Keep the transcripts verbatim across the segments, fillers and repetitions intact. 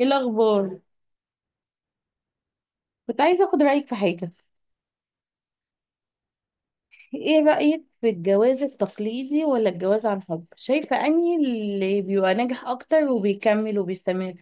ايه الاخبار؟ كنت عايزه اخد رايك في حاجه. ايه رايك في الجواز التقليدي ولا الجواز عن حب؟ شايفه اني اللي بيبقى ناجح اكتر وبيكمل وبيستمر.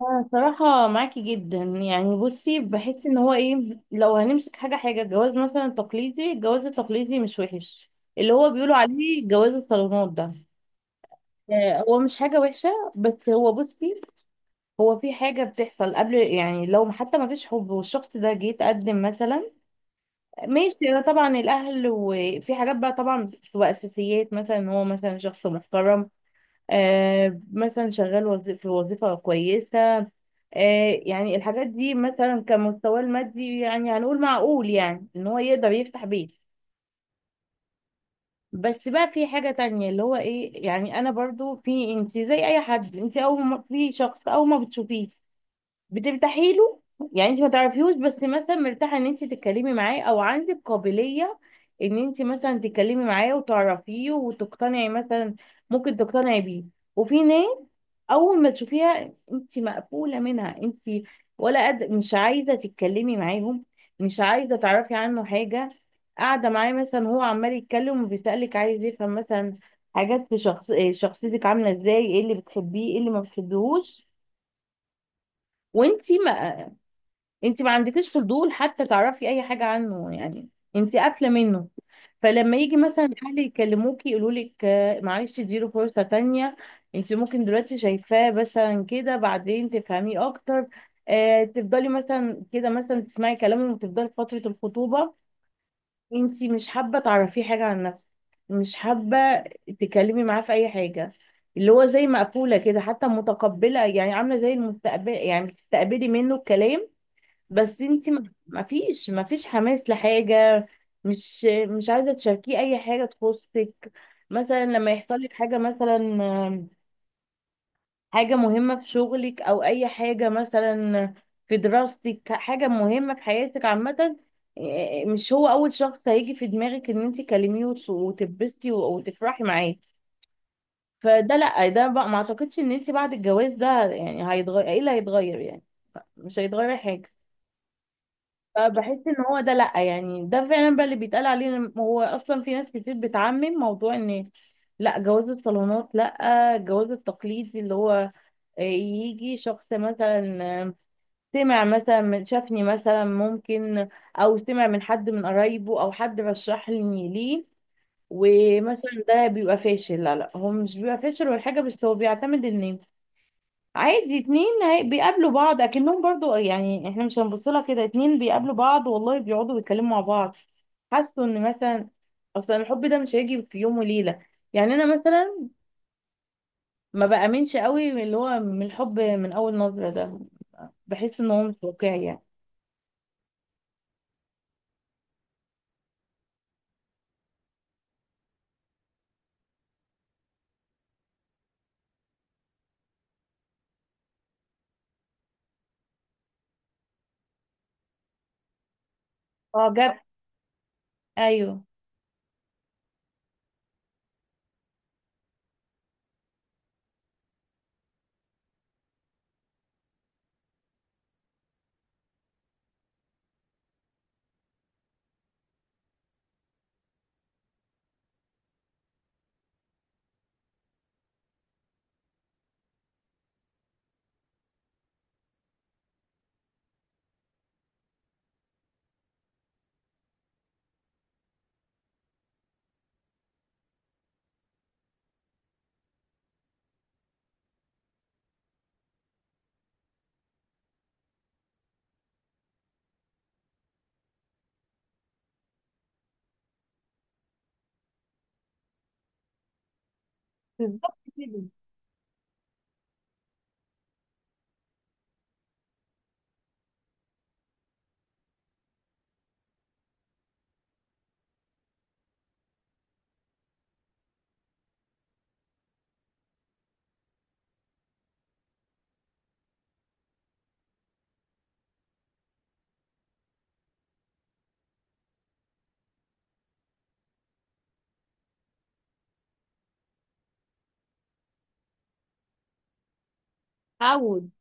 انا صراحه معاكي جدا. يعني بصي، بحس ان هو ايه، لو هنمسك حاجه حاجه الجواز مثلا التقليدي، الجواز التقليدي مش وحش، اللي هو بيقولوا عليه جواز الصالونات ده. آه، هو مش حاجه وحشه. بس هو بصي، هو في حاجه بتحصل قبل، يعني لو حتى ما فيش حب والشخص ده جه يتقدم مثلا، ماشي، انا طبعا الاهل وفي حاجات بقى طبعا بتبقى اساسيات، مثلا هو مثلا شخص محترم، آه، مثلا شغال وظي- في وظيفه كويسه، آه، يعني الحاجات دي مثلا كمستواه المادي، يعني هنقول معقول يعني ان هو يقدر يفتح بيت. بس بقى في حاجه تانية اللي هو ايه، يعني انا برضو، في انت زي اي حد، انت اول ما في شخص اول ما بتشوفيه بترتاحي له. يعني انت ما تعرفيهوش بس مثلا مرتاحه ان انت تتكلمي معاه، او عندك قابليه ان انت مثلا تتكلمي معاه وتعرفيه وتقتنعي مثلا، ممكن تقتنعي بيه. وفي ناس اول ما تشوفيها انت مقفوله منها انت، ولا قد مش عايزه تتكلمي معاهم، مش عايزه تعرفي عنه حاجه. قاعده معاه مثلا، هو عمال يتكلم وبيسالك، عايز يفهم مثلا حاجات في شخص، إيه شخصيتك عامله ازاي، ايه اللي بتحبيه، ايه اللي ما بتحبيهوش، وانت انت ما عندكيش فضول حتى تعرفي اي حاجه عنه يعني، انت قافله منه. فلما يجي مثلا الاهل يكلموكي يقولوا لك معلش اديله فرصه تانية، انت ممكن دلوقتي شايفاه مثلا كده بعدين تفهميه اكتر، آه تفضلي مثلا كده، مثلا تسمعي كلامهم وتفضلي في فتره الخطوبه، انت مش حابه تعرفيه حاجه عن نفسك، مش حابه تتكلمي معاه في اي حاجه، اللي هو زي مقفوله كده، حتى متقبله يعني عامله زي المستقبل، يعني بتستقبلي منه الكلام بس انتي ما ما فيش ما فيش حماس لحاجة، مش مش عايزة تشاركيه اي حاجة تخصك. مثلا لما يحصل لك حاجة مثلا، آم، حاجة مهمة في شغلك او اي حاجة مثلا في دراستك، حاجة مهمة في حياتك عامة، آه، آه، مش هو اول شخص هيجي في دماغك ان انتي تكلميه وت- وتتبسطي و- وتفرحي معاه. فده لا، ده بقى ما اعتقدش ان انتي بعد الجواز ده يعني هيتغير، ايه اللي هيتغير يعني؟ مش هيتغير حاجة. فبحس ان هو ده، لا يعني ده فعلا بقى اللي بيتقال عليه، إن هو اصلا في ناس كتير بتعمم موضوع ان لا جواز الصالونات، لا الجواز التقليدي اللي هو يجي شخص مثلا سمع مثلا، من شافني مثلا ممكن، او سمع من حد من قرايبه او حد رشحني ليه ومثلا ده بيبقى فاشل. لا لا، هو مش بيبقى فاشل ولا حاجه، بس هو بيعتمد ان عادي اتنين هي- بيقابلوا بعض، اكنهم برضو، يعني احنا مش هنبص لها كده، اتنين بيقابلوا بعض والله بيقعدوا بيتكلموا مع بعض. حاسه ان مثلا اصلا الحب ده مش هيجي في يوم وليله، يعني انا مثلا ما بامنش قوي من اللي هو من الحب من اول نظره ده، بحس ان هو مش واقعي يعني. اه، جاب. ايوه، بالظبط كده. عود.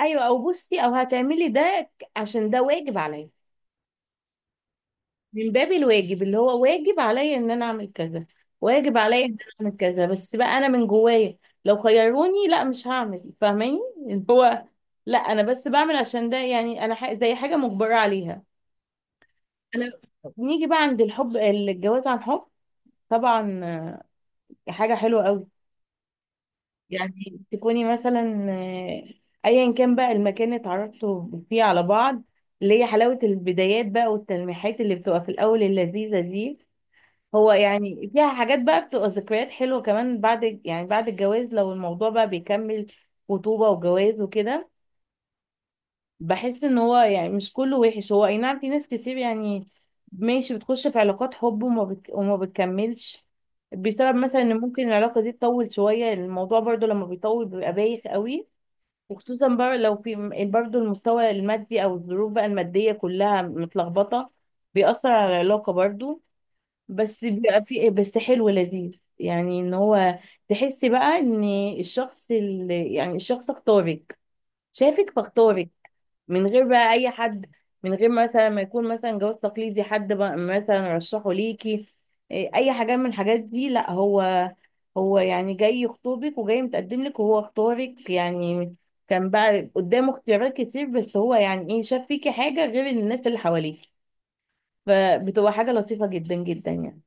ايوه، او بصي او هتعملي ده عشان ده واجب عليا، من باب الواجب اللي هو واجب عليا ان انا اعمل كذا، واجب عليا ان انا اعمل كذا، بس بقى انا من جوايا لو خيروني لا مش هعمل، فاهماني؟ اللي هو لا، انا بس بعمل عشان ده، يعني انا ح- زي حاجة مجبرة عليها انا. نيجي بقى عند الحب، الجواز عن حب. طبعا آه، حاجة حلوة قوي. يعني تكوني مثلا، آه، ايا كان بقى المكان اللي اتعرفتوا فيه على بعض، اللي هي حلاوة البدايات بقى والتلميحات اللي بتبقى في الاول اللذيذة دي. هو يعني فيها حاجات بقى بتبقى ذكريات حلوة كمان بعد، يعني بعد الجواز لو الموضوع بقى بيكمل خطوبة وجواز وكده. بحس ان هو يعني مش كله وحش، هو اي نعم في ناس كتير يعني ماشي بتخش في علاقات حب وما, بت... وما بتكملش، بسبب مثلا ان ممكن العلاقة دي تطول شوية، الموضوع برضو لما بيطول بيبقى بايخ قوي. وخصوصا بقى لو في م- برضو المستوى المادي او الظروف بقى المادية كلها متلخبطة، بيأثر على العلاقة برضو. بس بيبقى في إيه، بس حلو لذيذ، يعني ان هو تحسي بقى ان الشخص اللي يعني الشخص اختارك، شافك فاختارك من غير بقى اي حد، من غير مثلا ما يكون مثلا جواز تقليدي حد بقى مثلا رشحه ليكي، إيه، اي حاجه من الحاجات دي. لا هو، هو يعني جاي يخطبك وجاي متقدم لك وهو اختارك يعني، كان بقى قدامه اختيارات كتير بس هو يعني ايه، شاف فيكي حاجه غير الناس اللي حواليك، فبتبقى حاجه لطيفه جدا جدا يعني.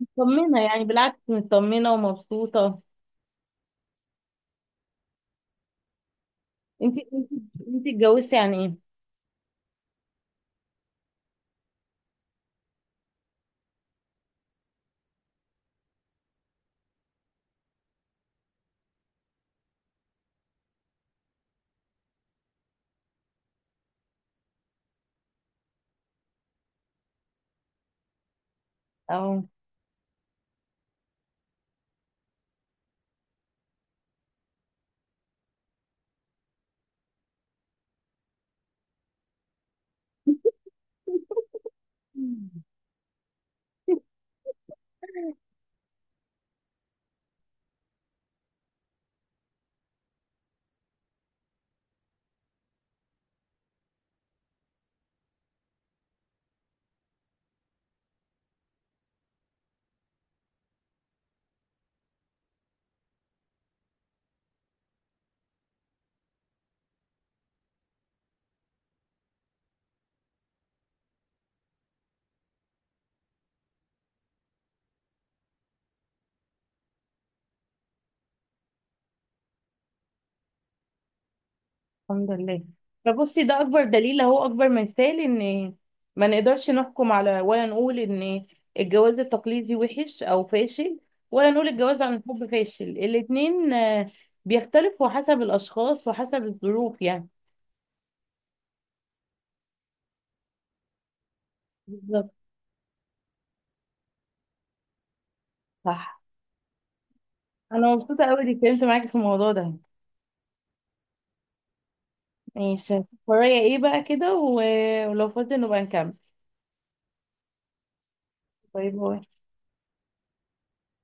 مطمنة يعني، بالعكس مطمنة ومبسوطة. انت انت انت اتجوزتي عن ايه؟ اه. مم. الحمد لله. فبصي ده اكبر دليل اهو، اكبر مثال ان ما نقدرش نحكم على ولا نقول ان الجواز التقليدي وحش او فاشل، ولا نقول الجواز عن الحب فاشل. الاتنين آه، بيختلفوا حسب الاشخاص وحسب الظروف يعني. بالظبط. صح. انا مبسوطة قوي اني اتكلمت معاكي في الموضوع ده. ماشي، ورايا ايه بقى كده و- ولو فاضي نبقى نكمل. باي باي.